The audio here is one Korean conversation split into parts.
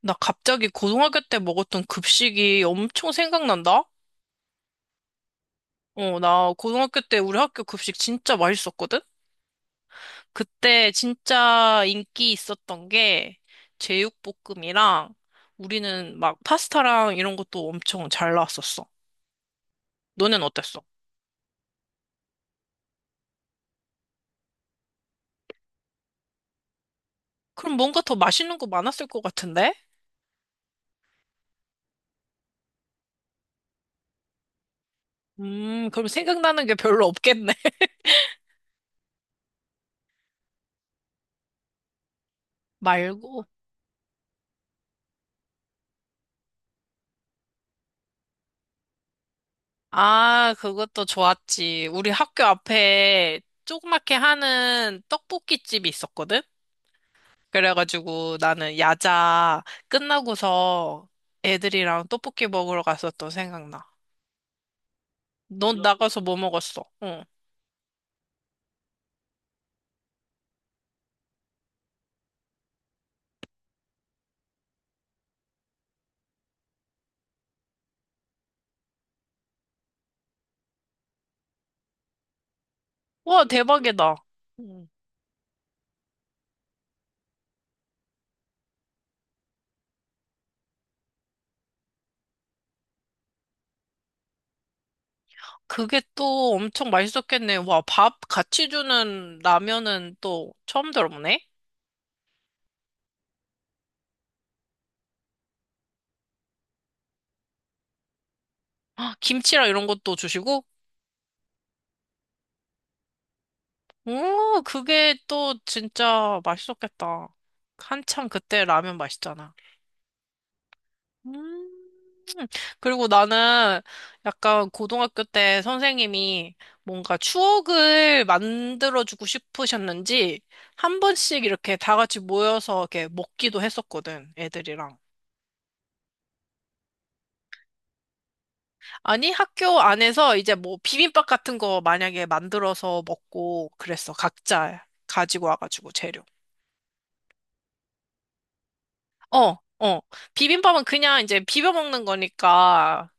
나 갑자기 고등학교 때 먹었던 급식이 엄청 생각난다? 어, 나 고등학교 때 우리 학교 급식 진짜 맛있었거든? 그때 진짜 인기 있었던 게 제육볶음이랑 우리는 막 파스타랑 이런 것도 엄청 잘 나왔었어. 너넨 어땠어? 그럼 뭔가 더 맛있는 거 많았을 것 같은데? 그럼 생각나는 게 별로 없겠네. 말고. 아, 그것도 좋았지. 우리 학교 앞에 조그맣게 하는 떡볶이집이 있었거든? 그래가지고 나는 야자 끝나고서 애들이랑 떡볶이 먹으러 갔었던 생각나. 넌 나가서 뭐 먹었어? 응. 와, 대박이다. 응. 그게 또 엄청 맛있었겠네. 와, 밥 같이 주는 라면은 또 처음 들어보네. 아, 김치랑 이런 것도 주시고? 오, 그게 또 진짜 맛있었겠다. 한참 그때 라면 맛있잖아. 음. 그리고 나는 약간 고등학교 때 선생님이 뭔가 추억을 만들어주고 싶으셨는지 한 번씩 이렇게 다 같이 모여서 이렇게 먹기도 했었거든, 애들이랑. 아니, 학교 안에서 이제 뭐 비빔밥 같은 거 만약에 만들어서 먹고 그랬어. 각자 가지고 와가지고 재료. 어, 어. 비빔밥은 그냥 이제 비벼 먹는 거니까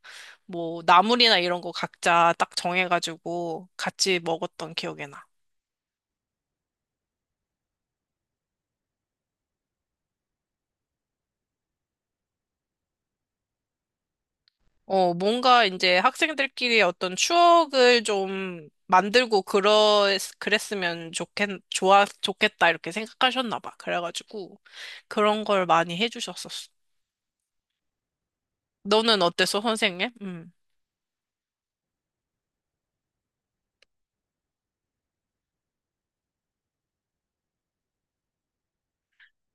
뭐 나물이나 이런 거 각자 딱 정해가지고 같이 먹었던 기억이 나. 어, 뭔가 이제 학생들끼리 어떤 추억을 좀 만들고 좋겠다, 이렇게 생각하셨나 봐. 그래가지고, 그런 걸 많이 해주셨었어. 너는 어땠어, 선생님? 음.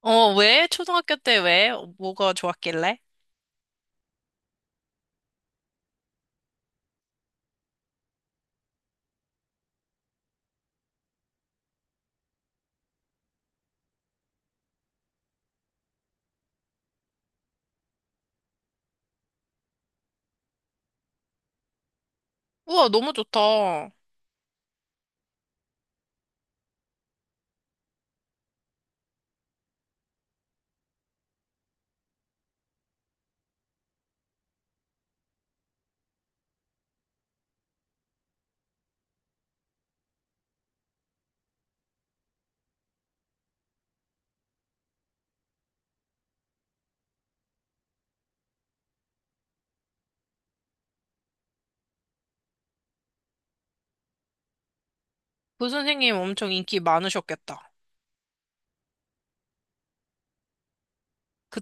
어, 왜? 초등학교 때 왜? 어, 뭐가 좋았길래? 우와, 너무 좋다. 그 선생님 엄청 인기 많으셨겠다. 그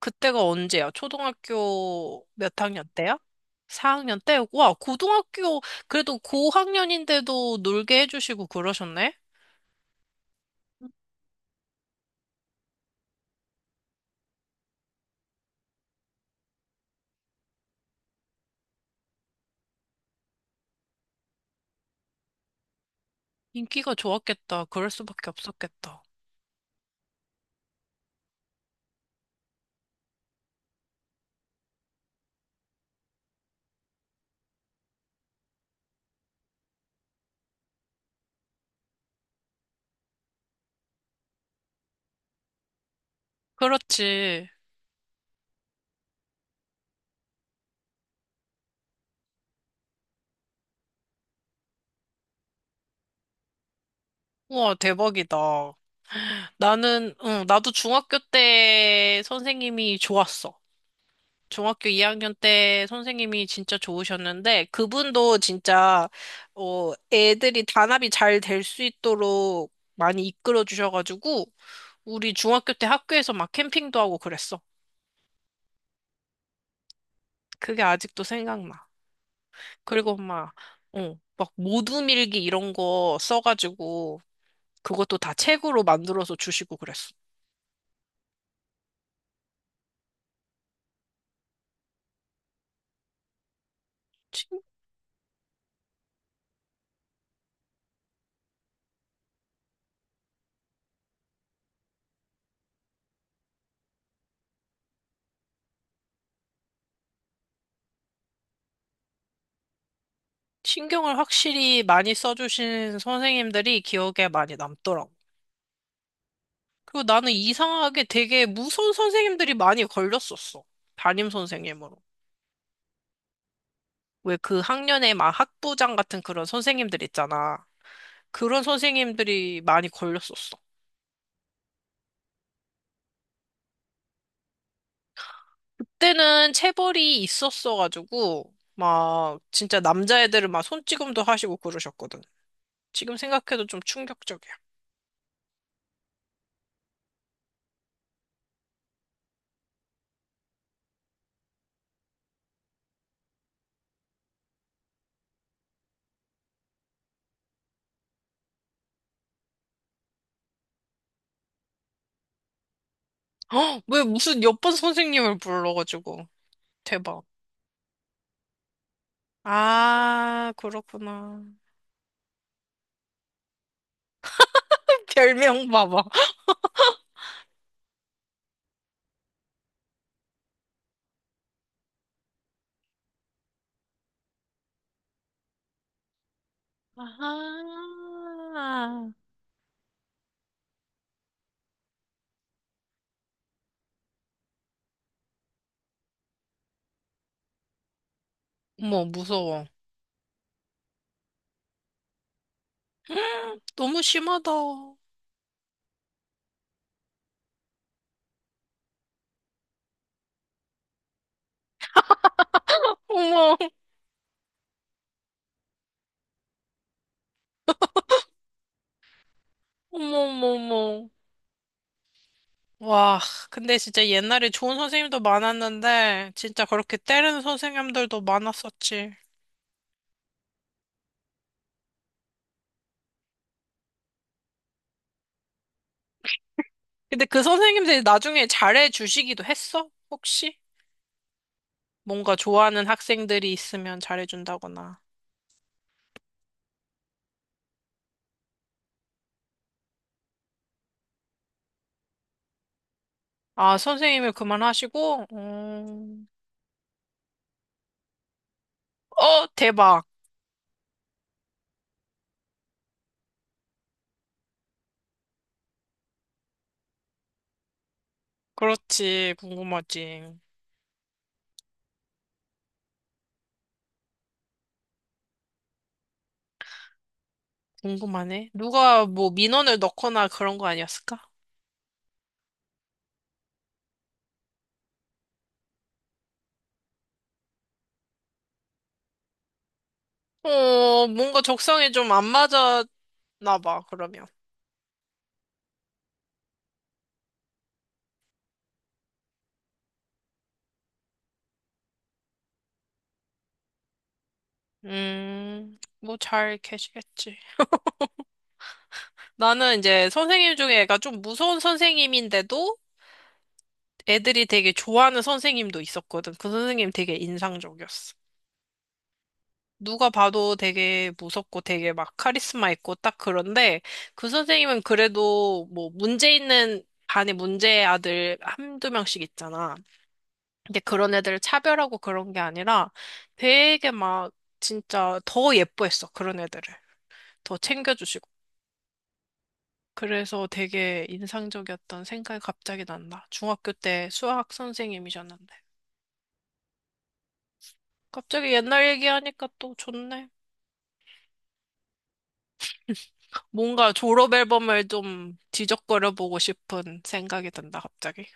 그때가 언제야? 초등학교 몇 학년 때야? 4학년 때? 와, 그래도 고학년인데도 놀게 해주시고 그러셨네? 인기가 좋았겠다. 그럴 수밖에 없었겠다. 그렇지. 우와, 대박이다. 나는, 응, 나도 중학교 때 선생님이 좋았어. 중학교 2학년 때 선생님이 진짜 좋으셨는데, 그분도 진짜, 어, 애들이 단합이 잘 될 수 있도록 많이 이끌어 주셔가지고, 우리 중학교 때 학교에서 막 캠핑도 하고 그랬어. 그게 아직도 생각나. 그리고 막, 어, 막 모두밀기 이런 거 써가지고 그것도 다 책으로 만들어서 주시고 그랬어. 신- 신경을 확실히 많이 써주신 선생님들이 기억에 많이 남더라고. 그리고 나는 이상하게 되게 무서운 선생님들이 많이 걸렸었어. 담임 선생님으로. 왜 그 학년에 막 학부장 같은 그런 선생님들 있잖아. 그런 선생님들이 많이 걸렸었어. 그때는 체벌이 있었어가지고 막 진짜 남자애들은 막 손찌검도 하시고 그러셨거든. 지금 생각해도 좀 충격적이야. 헉, 왜 무슨 옆반 선생님을 불러가지고 대박. 아, 그렇구나. 별명 봐봐. 아하. 어머, 무서워. 너무 심하다. 어머, 어머, 어머, 어머. 와, 근데 진짜 옛날에 좋은 선생님도 많았는데, 진짜 그렇게 때리는 선생님들도 많았었지. 근데 그 선생님들이 나중에 잘해주시기도 했어? 혹시? 뭔가 좋아하는 학생들이 있으면 잘해준다거나. 아, 선생님을 그만하시고, 어, 대박. 그렇지. 궁금하지. 궁금하네. 누가 뭐 민원을 넣거나 그런 거 아니었을까? 어, 뭔가 적성에 좀 안 맞았나 봐, 그러면. 뭐 잘 계시겠지. 나는 이제 선생님 중에 애가 좀 무서운 선생님인데도 애들이 되게 좋아하는 선생님도 있었거든. 그 선생님 되게 인상적이었어. 누가 봐도 되게 무섭고 되게 막 카리스마 있고 딱 그런데 그 선생님은 그래도 뭐 문제 있는 반에 문제 아들 한두 명씩 있잖아. 근데 그런 애들을 차별하고 그런 게 아니라 되게 막 진짜 더 예뻐했어. 그런 애들을. 더 챙겨주시고. 그래서 되게 인상적이었던 생각이 갑자기 난다. 중학교 때 수학 선생님이셨는데. 갑자기 옛날 얘기하니까 또 좋네. 뭔가 졸업 앨범을 좀 뒤적거려 보고 싶은 생각이 든다, 갑자기.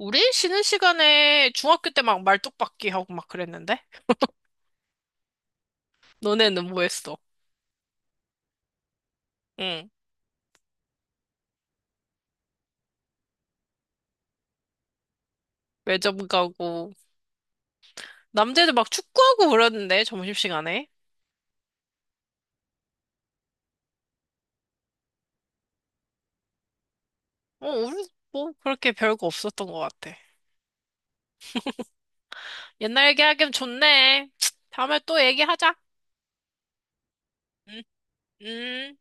우리 쉬는 시간에 중학교 때 막 말뚝박기 하고 막 그랬는데? 너네는 뭐 했어? 응. 매점 가고. 남자애들 막 축구하고 그러는데, 점심시간에. 어, 우리 뭐 그렇게 별거 없었던 것 같아. 옛날 얘기하기엔 좋네. 다음에 또 얘기하자. 응, 응.